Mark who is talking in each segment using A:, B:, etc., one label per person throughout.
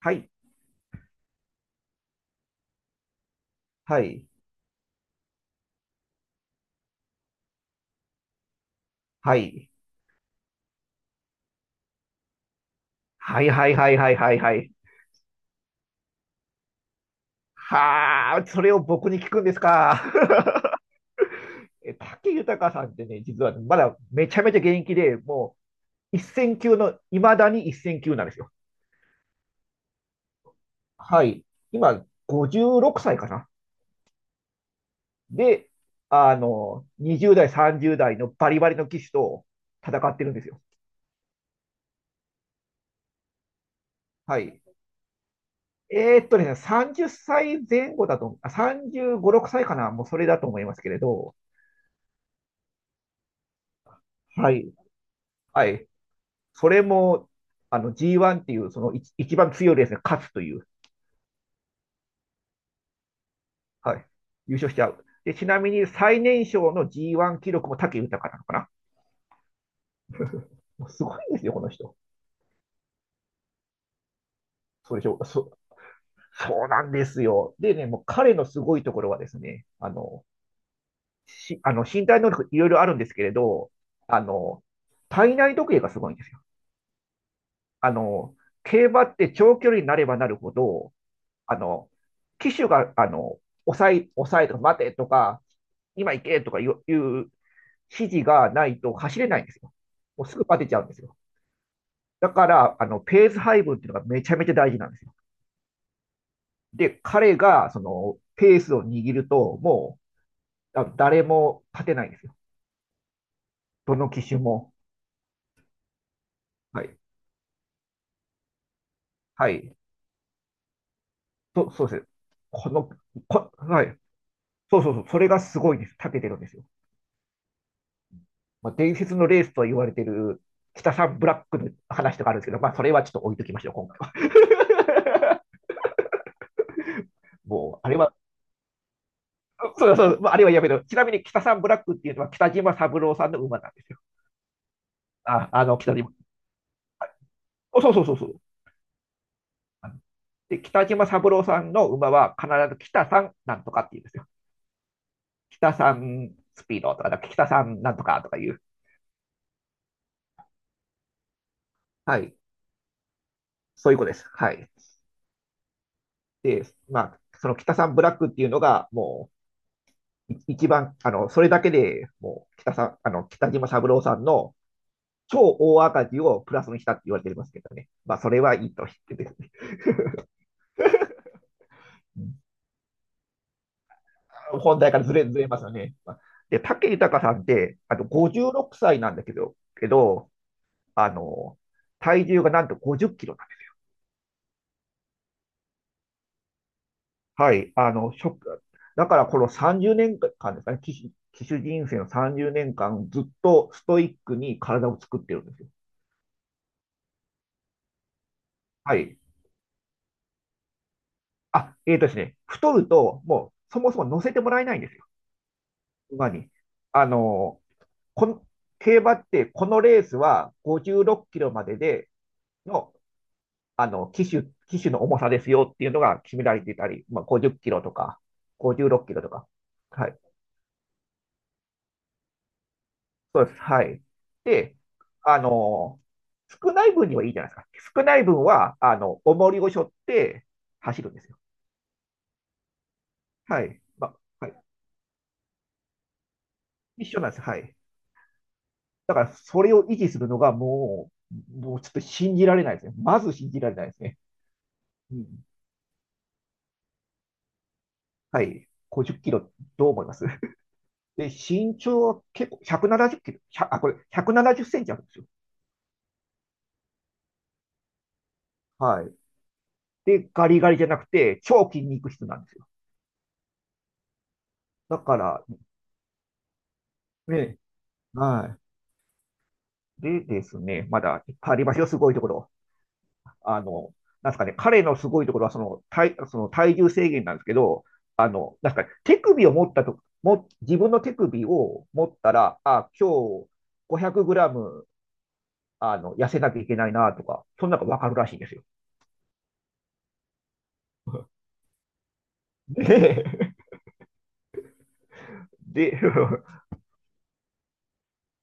A: はい、はい、はい、はい、はい、はい、はい、はい、はい。はあ、それを僕に聞くんですか。武豊さんってね、実はねまだめちゃめちゃ現役で、もう一線級の、いまだに一線級なんですよ。はい。今、56歳かな。で、20代、30代のバリバリの騎手と戦ってるんですよ。はい。30歳前後だと、35、6歳かな、もうそれだと思いますけれど、はい。はい。それも、G1 っていうその一番強いレースに勝つという、はい、優勝しちゃう。で、ちなみに最年少の G1 記録も武豊なのかな。もうすごいんですよ、この人。そうでしょうそそうなんですよ。でね、もう彼のすごいところはですね、あの身体能力いろいろあるんですけれど、あの、体内時計がすごいんですよ。あの、競馬って長距離になればなるほど、あの、機種が、抑えとか、待てとか、今行けとかいう指示がないと走れないんですよ。もうすぐバテちゃうんですよ。だから、ペース配分っていうのがめちゃめちゃ大事なんですよ。で、彼が、その、ペースを握ると、もう、あの誰も勝てないんですよ。どの機種も。はい。はい。そうです。この、こ、はい。そうそうそう。それがすごいです。長けてるんですよ。まあ、伝説のレースと言われている北さんブラックの話とかあるんですけど、まあ、それはちょっと置いときましょう、今回は。もう、あれは、そうそう、まあ、あれはやめろ。ちなみに北さんブラックっていうのは北島三郎さんの馬なんですよ。北島。おそうそうそうそう。で、北島三郎さんの馬は必ず北さんなんとかって言うんですよ。北さんスピードとか、北さんなんとかとかいう。はい。そういうことです。はい。で、まあ、その北さんブラックっていうのが、もう、一番、それだけでもう北さん、北島三郎さんの超大赤字をプラスにしたって言われてますけどね。まあ、それはいいとしてですね。うん。本題からずれ、ずれますよね。まあで、武豊さんって、あと56歳なんだけど、あの、体重がなんと50キロだね。はい。あの、ショック。だからこの30年間ですかね、騎手人生の30年間ずっとストイックに体を作ってるんですよ。はい。あ、えーとですね、太ると、もうそもそも乗せてもらえないんですよ、馬に。あのーこん競馬って、このレースは56キロまででの、騎手の重さですよっていうのが決められていたり、まあ、50キロとか、56キロとか。はい。そうです。はい。で、あのー少ない分にはいいじゃないですか。少ない分は、重りを背負って走るんですよ。はい。まあ、はい。一緒なんですはい。だからそれを維持するのがもう、もうちょっと信じられないですね。まず信じられないですね。うん、はい。50キロ、どう思いますで、身長は結構170キロ、あ、これ170センチあるんですよ。はい。で、ガリガリじゃなくて、超筋肉質なんですよ。だから、ね、はい。でですね、まだいっぱいありますよ、すごいところ。あの、なんですかね、彼のすごいところはその体、その体重制限なんですけど、なんですかね、手首を持ったと、も、自分の手首を持ったら、あ、今日500グラム、痩せなきゃいけないなとか、そんなのがわかるらしいんですよ。で、で、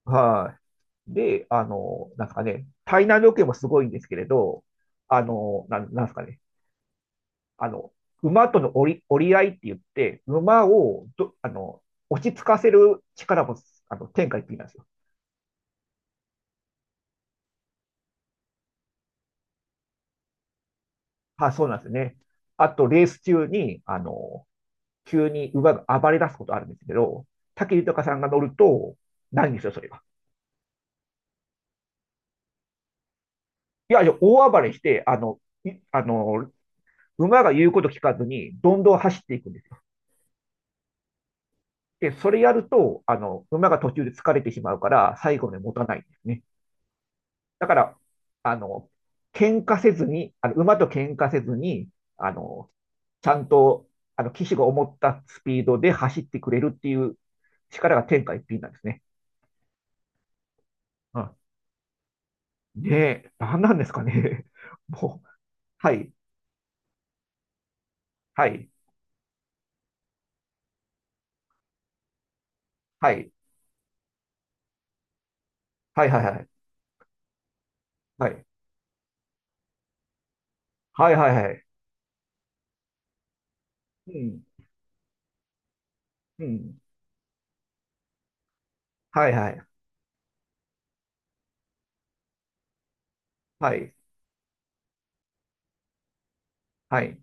A: はい。で、なんですかね、体内時計もすごいんですけれど、なんですかね、あの、馬との折り、折り合いって言って、馬をど、あの、落ち着かせる力も、天下一品なんですよ。あ、そうなんですね。あと、レース中に、急に馬が暴れ出すことあるんですけど、武豊さんが乗ると、ないんですよ、それが。いや、いや大暴れして、あの、いあの、馬が言うこと聞かずに、どんどん走っていくんですよ。で、それやると、馬が途中で疲れてしまうから、最後まで持たないんですね。だから、あの、喧嘩せずに、あの、馬と喧嘩せずに、あの、ちゃんと、騎手が思ったスピードで走ってくれるっていう力が天下一品なんですね。うん。で、何なんですかね。もう、はい、はい、はい、はい、はい、はい、はい、はい、はい、はい、うん、うん、はい、はい、はい、はい。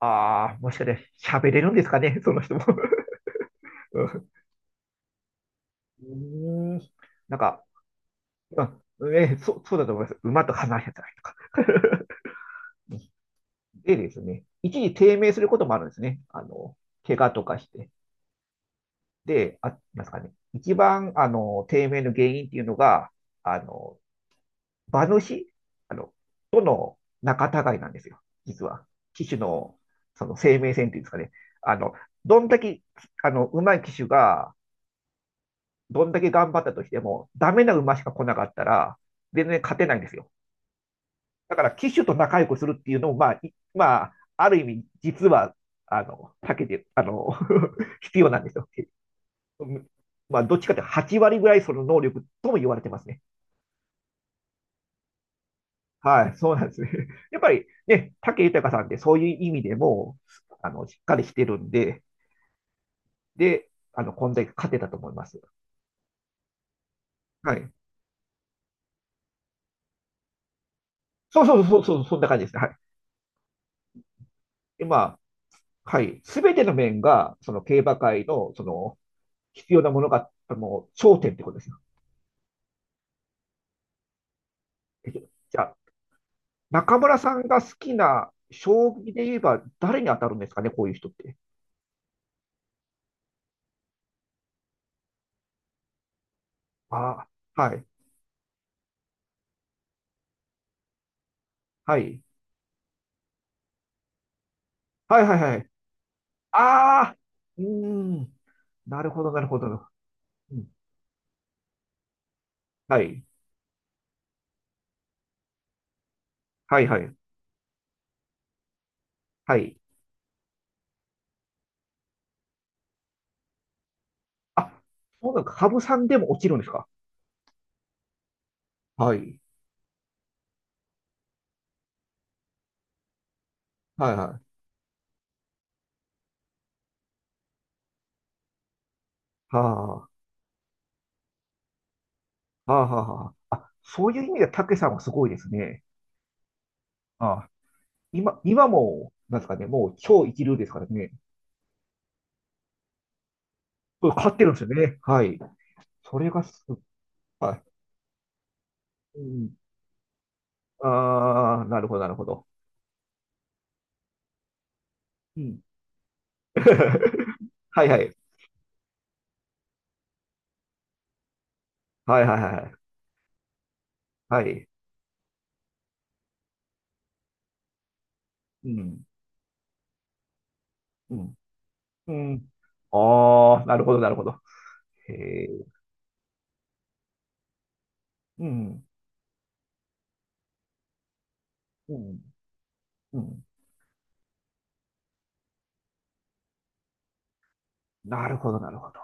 A: ああ、もしかして喋れるんですかね、その人も。うん、うーん。なんか、あ、ね、そうだと思います。馬と離れたりとか。でですね、一時低迷することもあるんですね。怪我とかして。で、なんですかね、一番、低迷の原因っていうのが、あの、馬主、あの、との仲違いなんですよ。実は。騎手の、その生命線っていうんですかね。あの、どんだけ、上手い騎手が、どんだけ頑張ったとしても、ダメな馬しか来なかったら、全然勝てないんですよ。だから機種と仲良くするっていうのも、まあ、ある意味、実は、あの、避けて、あの、必要なんですよ。まあ、どっちかって8割ぐらいその能力とも言われてますね。はい、そうなんですね。やっぱりね、武豊さんってそういう意味でも、しっかりしてるんで、で、こんだけ勝てたと思います。はい。そうそうそうそう、そんな感じですね。はい。で、まあ、はい。すべての面が、その競馬界の、その、必要なものが、頂点ってことですよ。じゃあ、中村さんが好きな将棋で言えば誰に当たるんですかね、こういう人って。ああ、はい、はい、はい、はい、はい。ああ、うーん、なるほど、なるほど。うんはい、はい、はい、はい。あ、そうなんか、羽生さんでも落ちるんですか。はい、はい、はい。はあ、はあ、はあ。あ、そういう意味では、たけさんはすごいですね。ああ、今、今も、なんですかね、もう超一流ですからね。これ勝ってるんですよね。はい。それがす、はい。うん。ああ、なるほど、なるほど。うん。はいはい。はいはいはいはい。はい。うん。うん。うん。ああ、なるほど、なるほど。へえ。うん。うん。うん。なるほど、なるほど。